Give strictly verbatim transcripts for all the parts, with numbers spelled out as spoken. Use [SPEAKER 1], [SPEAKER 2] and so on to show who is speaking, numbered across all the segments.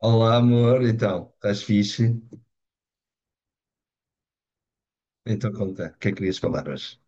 [SPEAKER 1] Olá, amor. Então, estás fixe? Então, conta, o que é que querias falar hoje?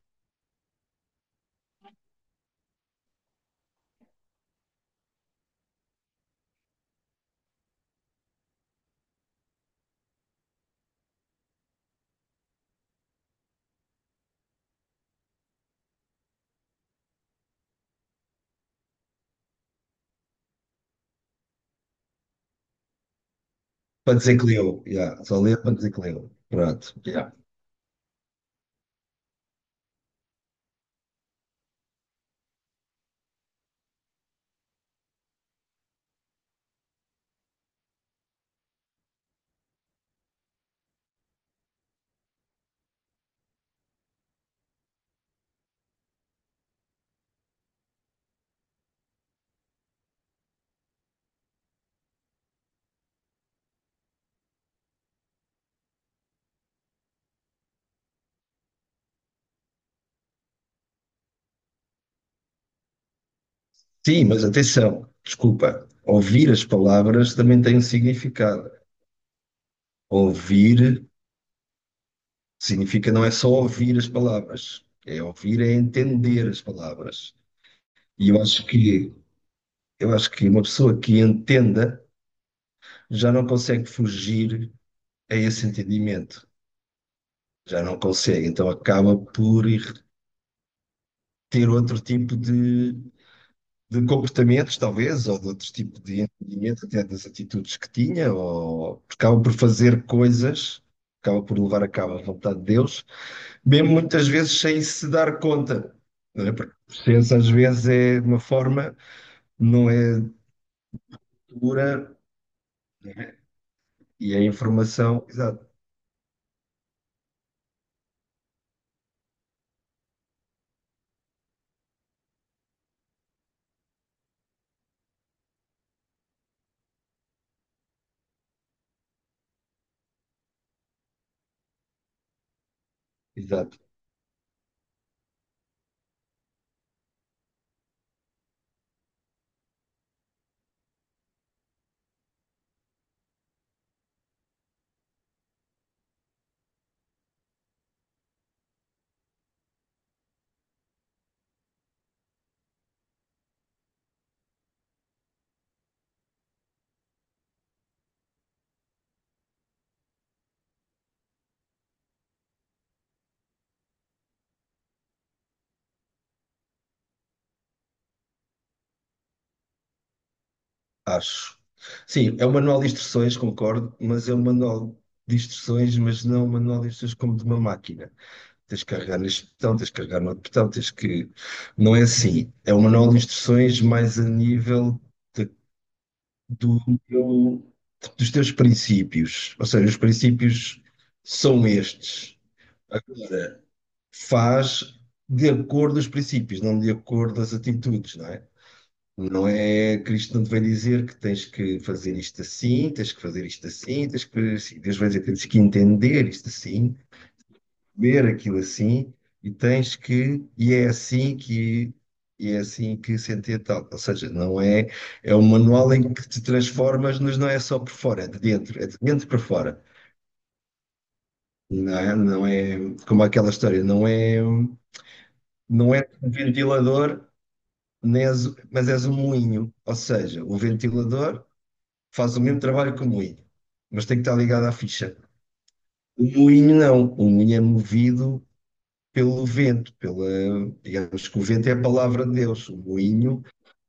[SPEAKER 1] Para dizer que leu, já, só ler para dizer que leu. Pronto, já. Sim, mas atenção, desculpa. Ouvir as palavras também tem um significado. Ouvir significa não é só ouvir as palavras, é ouvir, é entender as palavras. E eu acho que, eu acho que uma pessoa que entenda já não consegue fugir a esse entendimento. Já não consegue, então acaba por ir ter outro tipo de, de comportamentos, talvez, ou de outro tipo de entendimento, até das atitudes que tinha, ou acaba por fazer coisas, acaba por levar a cabo a vontade de Deus, mesmo muitas vezes sem se dar conta, não é? Porque a consciência às vezes é de uma forma, não é dura, não é? E a informação, exato, exato, acho. Sim, é um manual de instruções, concordo, mas é um manual de instruções, mas não um manual de instruções como de uma máquina. Tens de carregar neste botão, tens de carregar no outro botão, tens que. Não é assim. É um manual de instruções mais a nível de- do teu- dos teus princípios. Ou seja, os princípios são estes. Agora, faz de acordo aos princípios, não de acordo às atitudes, não é? Não é, Cristo não te vai dizer que tens que fazer isto assim, tens que fazer isto assim, tens que fazer assim. Deus vai dizer que tens que entender isto assim, ver aquilo assim e tens que e é assim que e é assim que se entende tal. Ou seja, não é é um manual em que te transformas, mas não é só por fora, é de dentro, é de dentro para fora. Não é, não é como aquela história, não é não é um ventilador, nem és, mas és um moinho. Ou seja, o ventilador faz o mesmo trabalho que o moinho, mas tem que estar ligado à ficha. O moinho não, o moinho é movido pelo vento, pela, digamos que o vento é a palavra de Deus, o moinho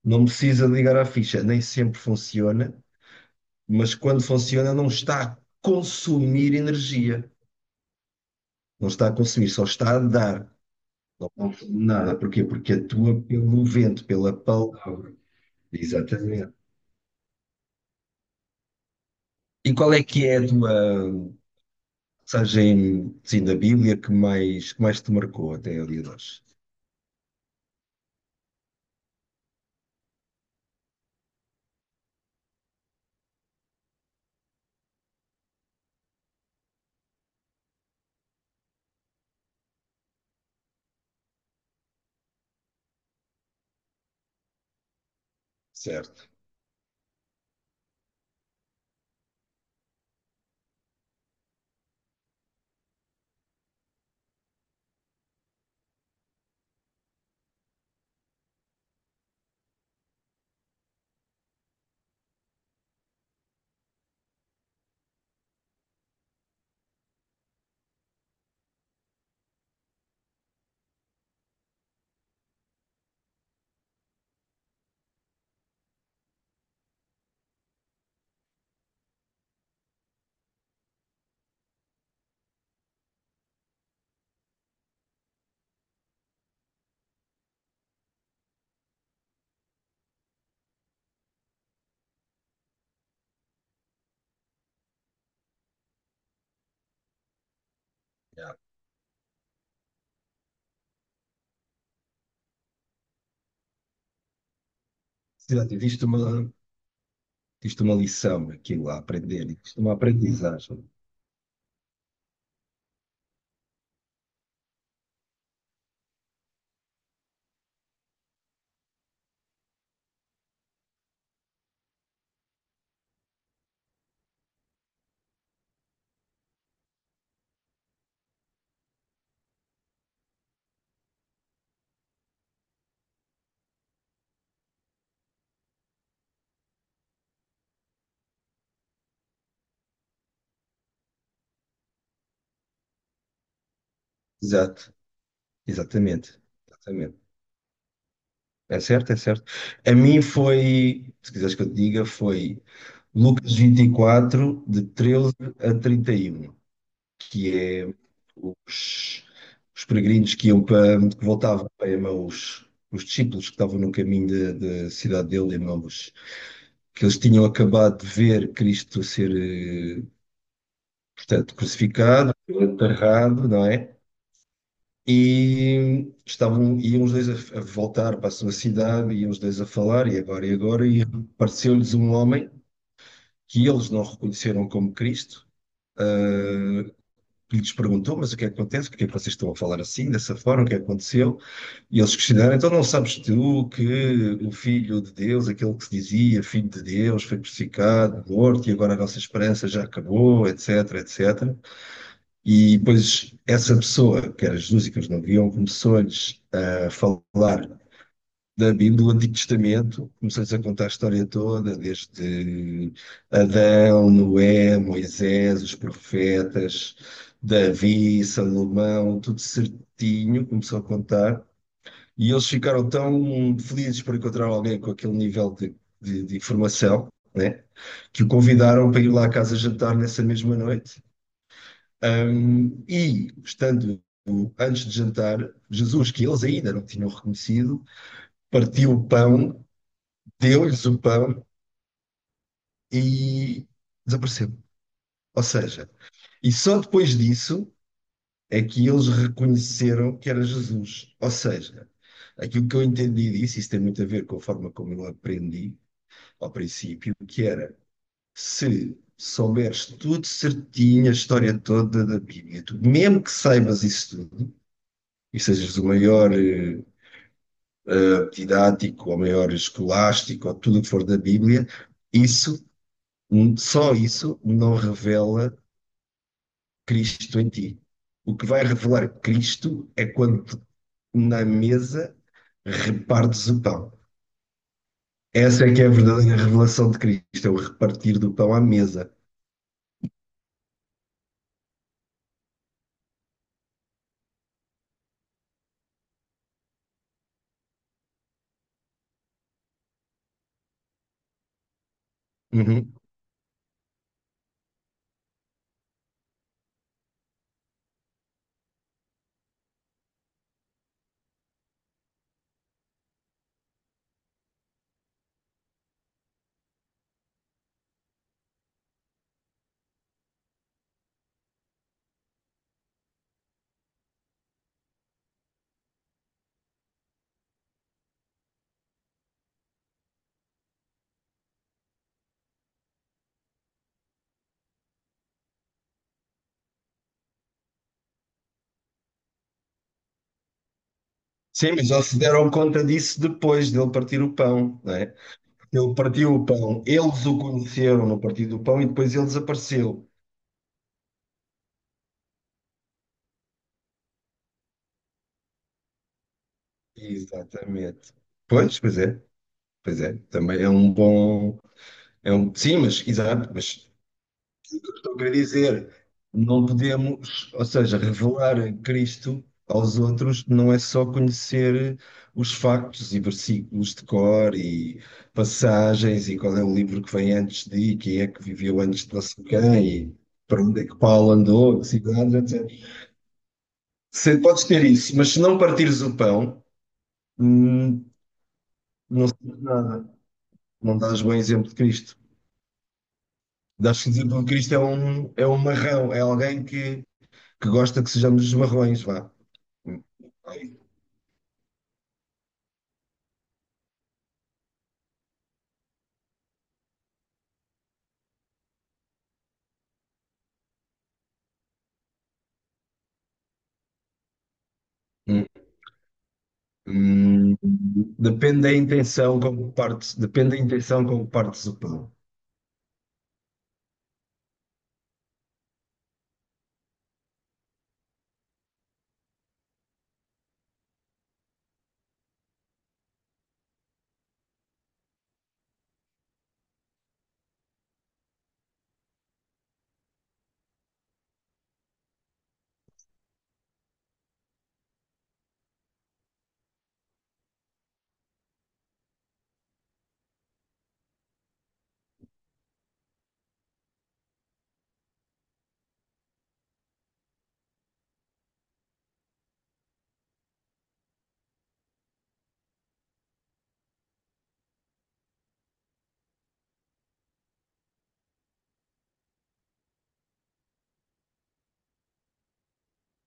[SPEAKER 1] não precisa ligar à ficha, nem sempre funciona, mas quando funciona não está a consumir energia, não está a consumir, só está a dar, não consome nada. Porquê? Porque atua pelo vento, pela palavra. Exatamente. E qual é que é a tua passagem assim, da Bíblia que mais, que mais te marcou até ali de hoje? Certo. Yeah. Se já te diste uma, isto é uma lição, aquilo a aprender, isto é uma aprendizagem. Exato, exatamente, exatamente. É certo, é certo. A mim foi, se quiseres que eu te diga, foi Lucas vinte e quatro de treze a trinta e um, que é os, os peregrinos que iam para, que voltavam para Emaús, os discípulos que estavam no caminho da da cidade dele, Emaús, que eles tinham acabado de ver Cristo ser, eh, portanto, crucificado, enterrado, não é? E estavam, iam os dois a, a voltar para a sua cidade, iam os dois a falar, e agora, e agora, e apareceu-lhes um homem que eles não reconheceram como Cristo, ah, que lhes perguntou, mas o que é que acontece? Porque é que vocês estão a falar assim, dessa forma, o que é que aconteceu? E eles questionaram, então não sabes tu que o Filho de Deus, aquele que se dizia Filho de Deus, foi crucificado, morto, e agora a nossa esperança já acabou, etc, et cetera. E depois essa pessoa, que era Jesus e que eles não viam, começou-lhes a falar da Bíblia, do Antigo Testamento, começou-lhes a contar a história toda, desde Adão, Noé, Moisés, os profetas, Davi, Salomão, tudo certinho, começou a contar. E eles ficaram tão felizes por encontrar alguém com aquele nível de, de, de informação, né, que o convidaram para ir lá à casa jantar nessa mesma noite. Um, e, estando antes de jantar, Jesus, que eles ainda não tinham reconhecido, partiu o pão, deu-lhes o pão e desapareceu. Ou seja, e só depois disso é que eles reconheceram que era Jesus. Ou seja, aquilo que eu entendi disso, isso tem muito a ver com a forma como eu aprendi ao princípio, que era se souberes tudo certinho, a história toda da Bíblia, tu, mesmo que saibas isso tudo, e sejas o maior eh, eh, didático, ou maior escolástico, ou tudo o que for da Bíblia, isso, hum, só isso, não revela Cristo em ti. O que vai revelar Cristo é quando na mesa repartes o pão. Essa é que é a verdadeira revelação de Cristo, é o repartir do pão à mesa. Uhum. Sim, mas já se deram conta disso depois dele partir o pão, não é? Ele partiu o pão, eles o conheceram no partir do pão e depois ele desapareceu. Exatamente. Pois, pois é. Pois é, também é um bom. É um, sim, mas exato, mas estou a querer dizer, não podemos, ou seja, revelar Cristo aos outros não é só conhecer os factos e versículos de cor e passagens e qual é o livro que vem antes de e quem é que viveu antes de não sei quem e para onde é que Paulo andou, que cidades, et cetera. Se, podes ter isso, mas se não partires o pão, hum, não sabes nada, não dás bom exemplo de Cristo. Acho que o exemplo Cristo é um, é um marrão, é alguém que, que gosta que sejamos marrões, vá. Hum, hum, Depende da intenção como que partes, depende da intenção como que partes o pão.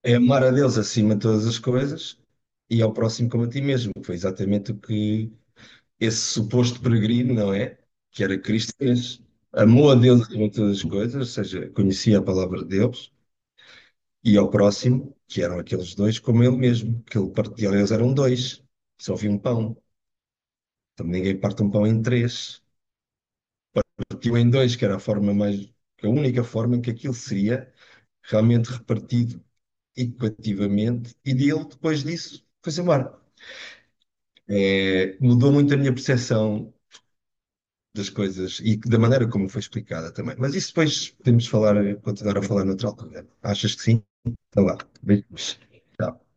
[SPEAKER 1] É amar a Deus acima de todas as coisas e ao próximo como a ti mesmo. Foi exatamente o que esse suposto peregrino, não é? Que era Cristo, fez. Amou a Deus acima de todas as coisas, ou seja, conhecia a palavra de Deus. E ao próximo, que eram aqueles dois como ele mesmo, que ele partiu, eles eram dois, só havia um pão. Então ninguém parte um pão em três, partiu em dois, que era a forma mais, a única forma em que aquilo seria realmente repartido equitativamente, e dele, depois disso, foi-se embora. É, mudou muito a minha percepção das coisas e da maneira como foi explicada também. Mas isso depois podemos falar, continuar a falar noutra altura. Achas que sim? Então lá, beijos. Tchau.